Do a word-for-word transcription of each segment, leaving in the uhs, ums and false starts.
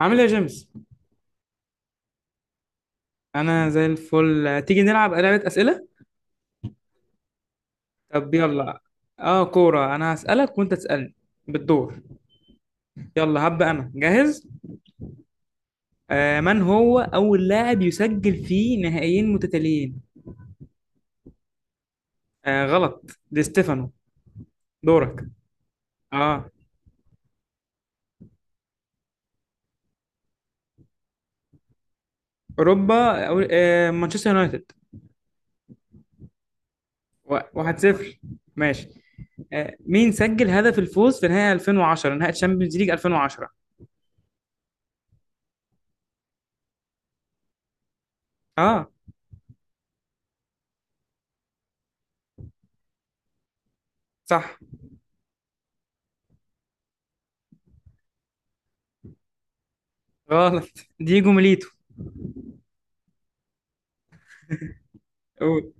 عامل ايه يا جيمس؟ انا زي الفل. تيجي نلعب لعبة اسئلة؟ طب يلا. اه كورة. انا هسألك وانت تسألني بالدور. يلا هبدأ انا جاهز. آه من هو اول لاعب يسجل في نهائيين متتاليين؟ آه غلط، دي ستيفانو. دورك. اه، اوروبا أو آه مانشستر يونايتد. و- واحد صفر. ماشي. آه مين سجل هدف الفوز في نهائي ألفين وعشرة، نهائي تشامبيونز ليج ألفين وعشرة؟ اه صح. غلط، دييجو ميليتو. قول.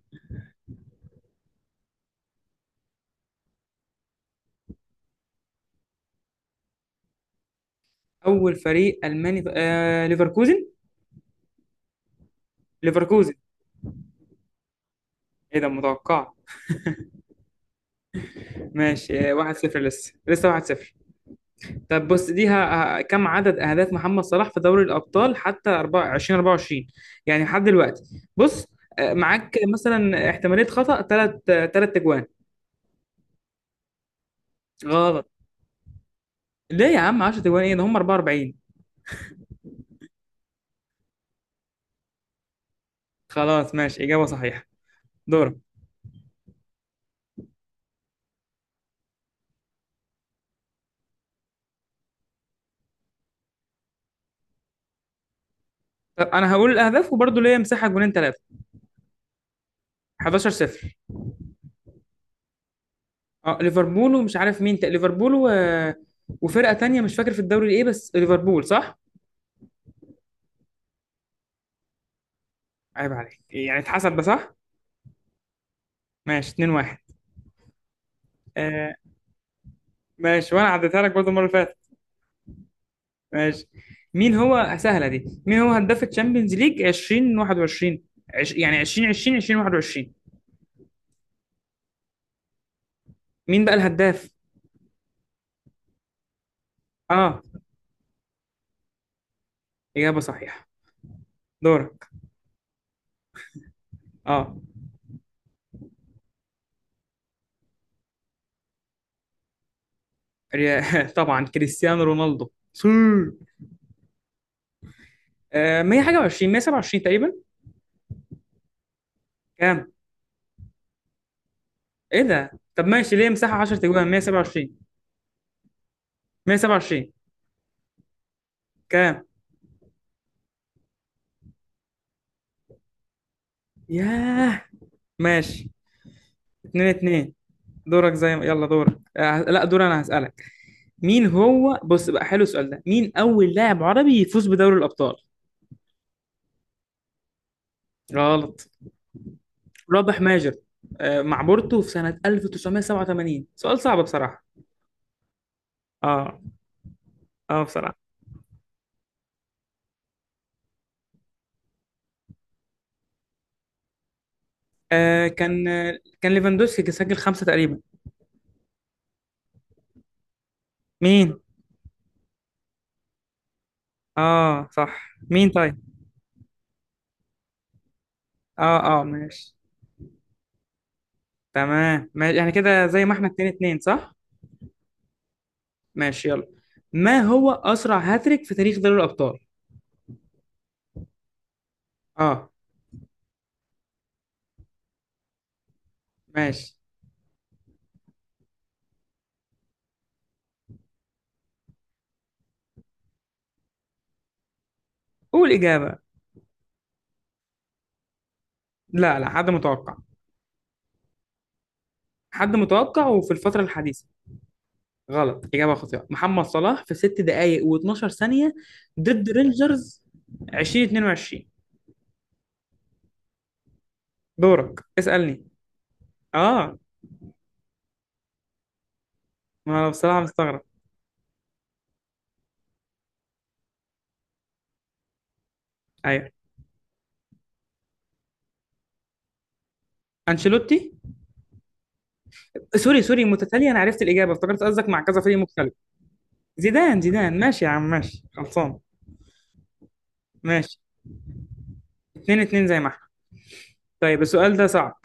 اول فريق الماني، آه ليفركوزن. ليفركوزن. ايه ده، متوقع. ماشي. آه، واحد صفر لسه لسه واحد صفر. طب بص دي ه- ه- كم عدد اهداف محمد صلاح في دوري الابطال حتى أربعة وعشرين؟ أربعة وعشرين يعني لحد دلوقتي. بص آه، معاك مثلا احتماليه خطا ثلاث ثلاث اجوان. غلط. ليه يا عم عشرة اجوان، ايه ده، هم أربعة وأربعين. خلاص ماشي، اجابه صحيحه. دورك. طب انا هقول الاهداف وبرضه ليا مساحه جونين ثلاثه. حداشر صفر. اه ليفربول، ومش عارف مين تا... ليفربول و... وفرقة تانية مش فاكر في الدوري ايه، بس ليفربول صح؟ عيب عليك، يعني اتحسب ده صح؟ ماشي اتنين واحد. آه، ماشي وانا عديتها لك برضه المرة اللي فاتت. ماشي. مين هو، سهلة دي، مين هو هداف الشامبيونز ليج ألفين وواحد وعشرين؟ عش... يعني ألفين وعشرين، ألفين وواحد وعشرين. مين بقى الهداف؟ اه، إجابة صحيحة. دورك. اه ري- طبعا كريستيانو رونالدو سي. آه مية وواحد وعشرين، مية وسبعة وعشرين تقريبا. كام؟ ايه ده، طب ماشي ليه مساحه عشرة تجوان، مائة وسبعة وعشرين. مية وسبعة وعشرين. كام؟ ياه. ماشي اتنين اتنين. دورك، زي ما، يلا دورك، آه لا دور انا هسألك. مين هو، بص بقى حلو السؤال ده، مين اول لاعب عربي يفوز بدوري الابطال؟ غلط. رابح ماجر، آه مع بورتو في سنة ألف وتسعمائة وسبعة وثمانين. سؤال صعب بصراحة. اه اه بصراحة. آه كان آه، كان ليفاندوسكي سجل خمسة تقريبا. مين؟ اه صح، مين طيب. اه اه ماشي. تمام ماشي، احنا كده زي ما احنا اتنين اتنين صح؟ ماشي يلا. ما هو أسرع هاتريك في تاريخ دوري الأبطال؟ اه، ماشي. قول إجابة. لا لا حد متوقع. حد متوقع وفي الفترة الحديثة. غلط، إجابة خاطئة. محمد صلاح في ست دقايق و12 ثانية ضد رينجرز ألفين واثنين وعشرين. دورك، اسألني. اه. ما انا بصراحة مستغرب. ايوه، انشيلوتي. سوري سوري، متتالية، انا عرفت الإجابة افتكرت قصدك مع كذا فريق مختلف. زيدان زيدان، ماشي يا عم ماشي، خلصان. ماشي اتنين اتنين زي ما احنا. طيب السؤال ده صعب.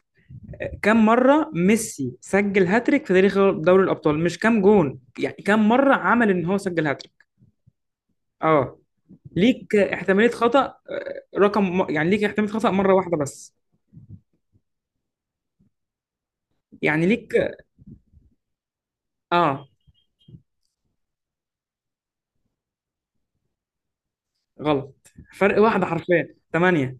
كم مرة ميسي سجل هاتريك في تاريخ دوري الأبطال؟ مش كم جون يعني، كم مرة عمل إن هو سجل هاتريك. اه، ليك احتمالية خطأ. رقم م... يعني ليك احتمالية خطأ مرة واحدة بس. يعني ليك. اه، غلط، فرق واحدة، حرفيا تمانية.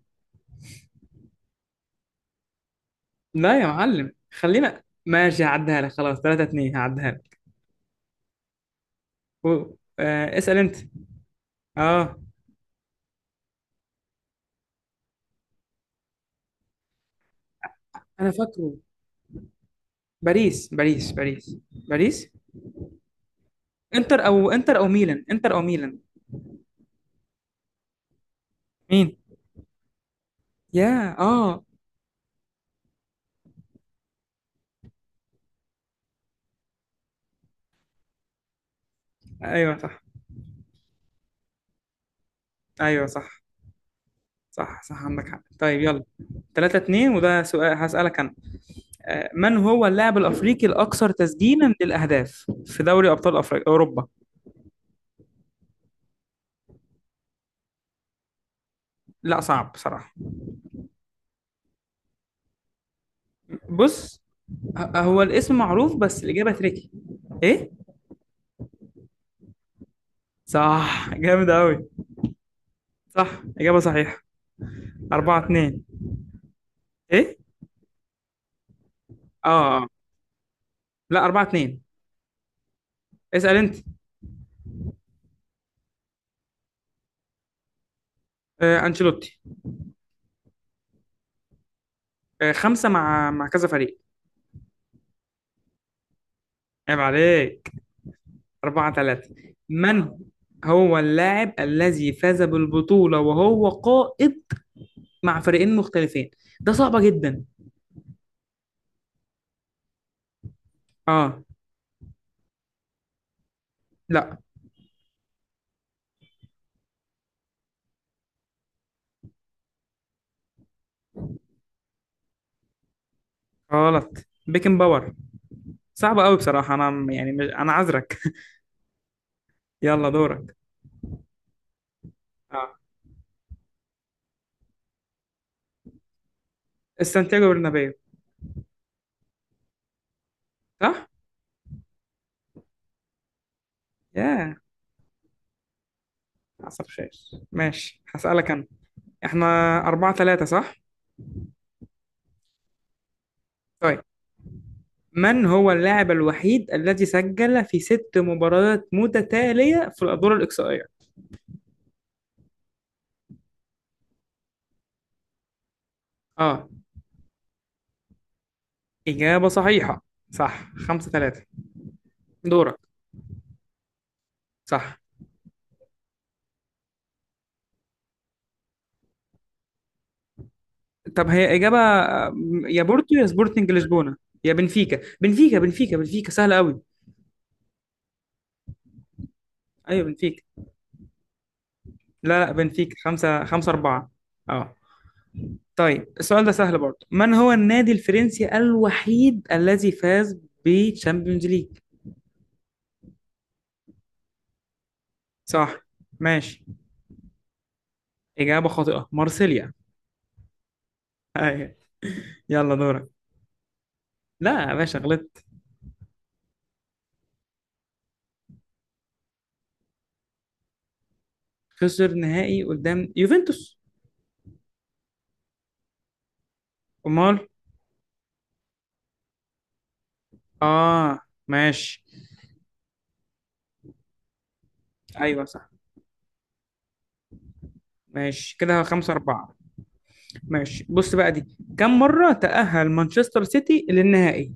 لا يا معلم، خلينا ماشي هعديها لك، خلاص ثلاثة اثنين، هعديها لك. و- آه، اسأل انت. اه، انا فاكره. باريس باريس باريس. باريس. انتر او، انتر او ميلان، انتر او ميلان. مين؟ يا اه. ايوه صح. ايوه صح. صح صح عندك حق، طيب يلا. تلاتة اتنين. وده سؤال هسألك انا. آه، من هو اللاعب الافريقي الاكثر تسجيلا للاهداف في دوري ابطال افريقيا اوروبا؟ لا صعب بصراحة. بص، ه- هو الاسم معروف بس الاجابة تريكي. ايه. صح، جامد قوي. صح، اجابة صحيحة. أربعة اتنين. ايه. اه آه. لا، أربعة اثنين. اسأل انت. آه، انشيلوتي. آه، خمسة، مع مع كذا فريق. عيب عليك. أربعة ثلاثة. من هو اللاعب الذي فاز بالبطولة وهو قائد مع فريقين مختلفين؟ ده صعبة جدا. اه. لا، غلط، بيكن باور. صعبة قوي بصراحة، أنا م- يعني مش... أنا عذرك. يلا دورك. اه. السانتياغو برنابيو، صح؟ ياه، حصل خير. ماشي هسألك أنا. احنا أربعة ثلاثة صح؟ طيب. من هو اللاعب الوحيد الذي سجل في ست مباريات متتالية في الأدوار الإقصائية؟ اه. إجابة صحيحة. صح، خمسة ثلاثة. دورك. صح. طب هي إجابة، آم، يا بورتو يا سبورتنج لشبونة، يا بنفيكا بنفيكا بنفيكا بنفيكا، سهلة قوي. أيوة بنفيكا. لا لا بنفيكا، خمسة، خمسة أربعة. أه. طيب السؤال ده سهل برضه. من هو النادي الفرنسي الوحيد الذي فاز بتشامبيونز ليج؟ صح. ماشي. إجابة خاطئة، مارسيليا. أيوة. يلا دورك. لا يا باشا غلطت. خسر نهائي قدام يوفنتوس. أمال. آه. ماشي. ايوه صح. ماشي كده خمسة أربعة. ماشي. بص بقى دي، كم مرة تأهل مانشستر سيتي للنهائي؟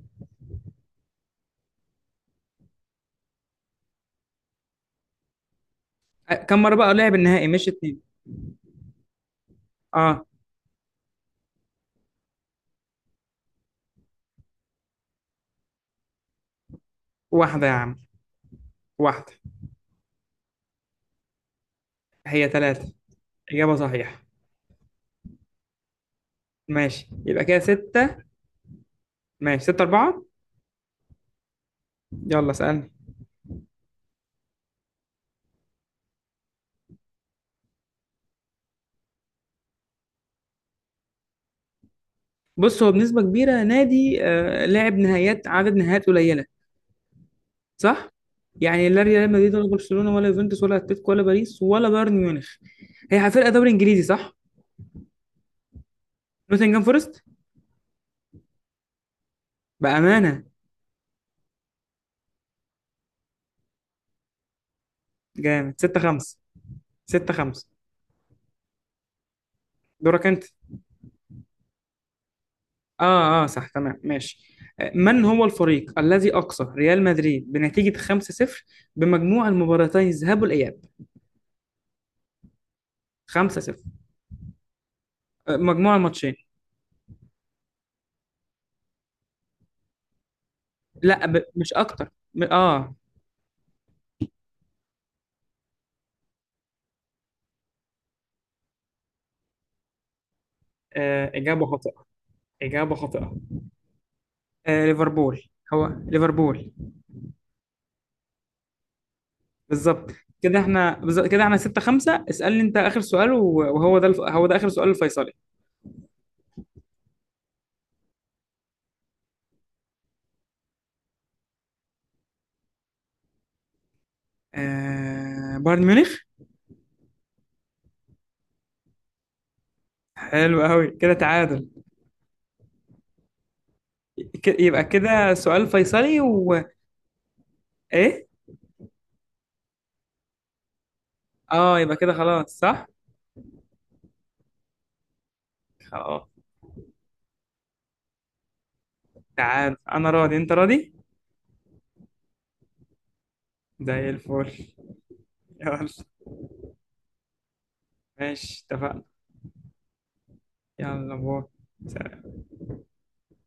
أ- كم مرة بقى لعب النهائي، مش اتنين. اه. واحدة يا عم. واحدة. هي ثلاثة. إجابة صحيحة. ماشي يبقى كده ستة. ماشي ستة أربعة. يلا سألني. بص، هو بنسبة كبيرة نادي آه لعب نهائيات، عدد نهائيات قليلة صح؟ يعني لا ريال مدريد ولا برشلونة ولا يوفنتوس ولا اتلتيكو ولا باريس ولا بايرن ميونخ. هي فرقة دوري إنجليزي صح؟ نوتنجهام فورست. بأمانة جامد. ستة خمسة. ستة خمسة. دورك أنت. آه آه صح تمام. ماشي. آه، من هو الفريق الذي أقصى ريال مدريد بنتيجة خمسة صفر بمجموع المباراتين الذهاب والإياب؟ خمسة صفر. آه، مجموع الماتشين. لا ب... مش أكتر م... آه. آه، إجابة خاطئة. إجابة خاطئة. آه، ليفربول. هو ليفربول. بالظبط. كده احنا، بالظبط كده احنا ستة خمسة. اسألني انت آخر سؤال، و- وهو ده الف... هو ده آخر سؤال، الفيصلي. آه... بايرن ميونخ. حلو قوي كده، تعادل. ك- يبقى كده سؤال فيصلي و. ايه. اه يبقى كده خلاص صح. خلاص. تعال، انا راضي انت راضي. زي الفل. يلا. ماشي اتفقنا. يلا باي. سلام.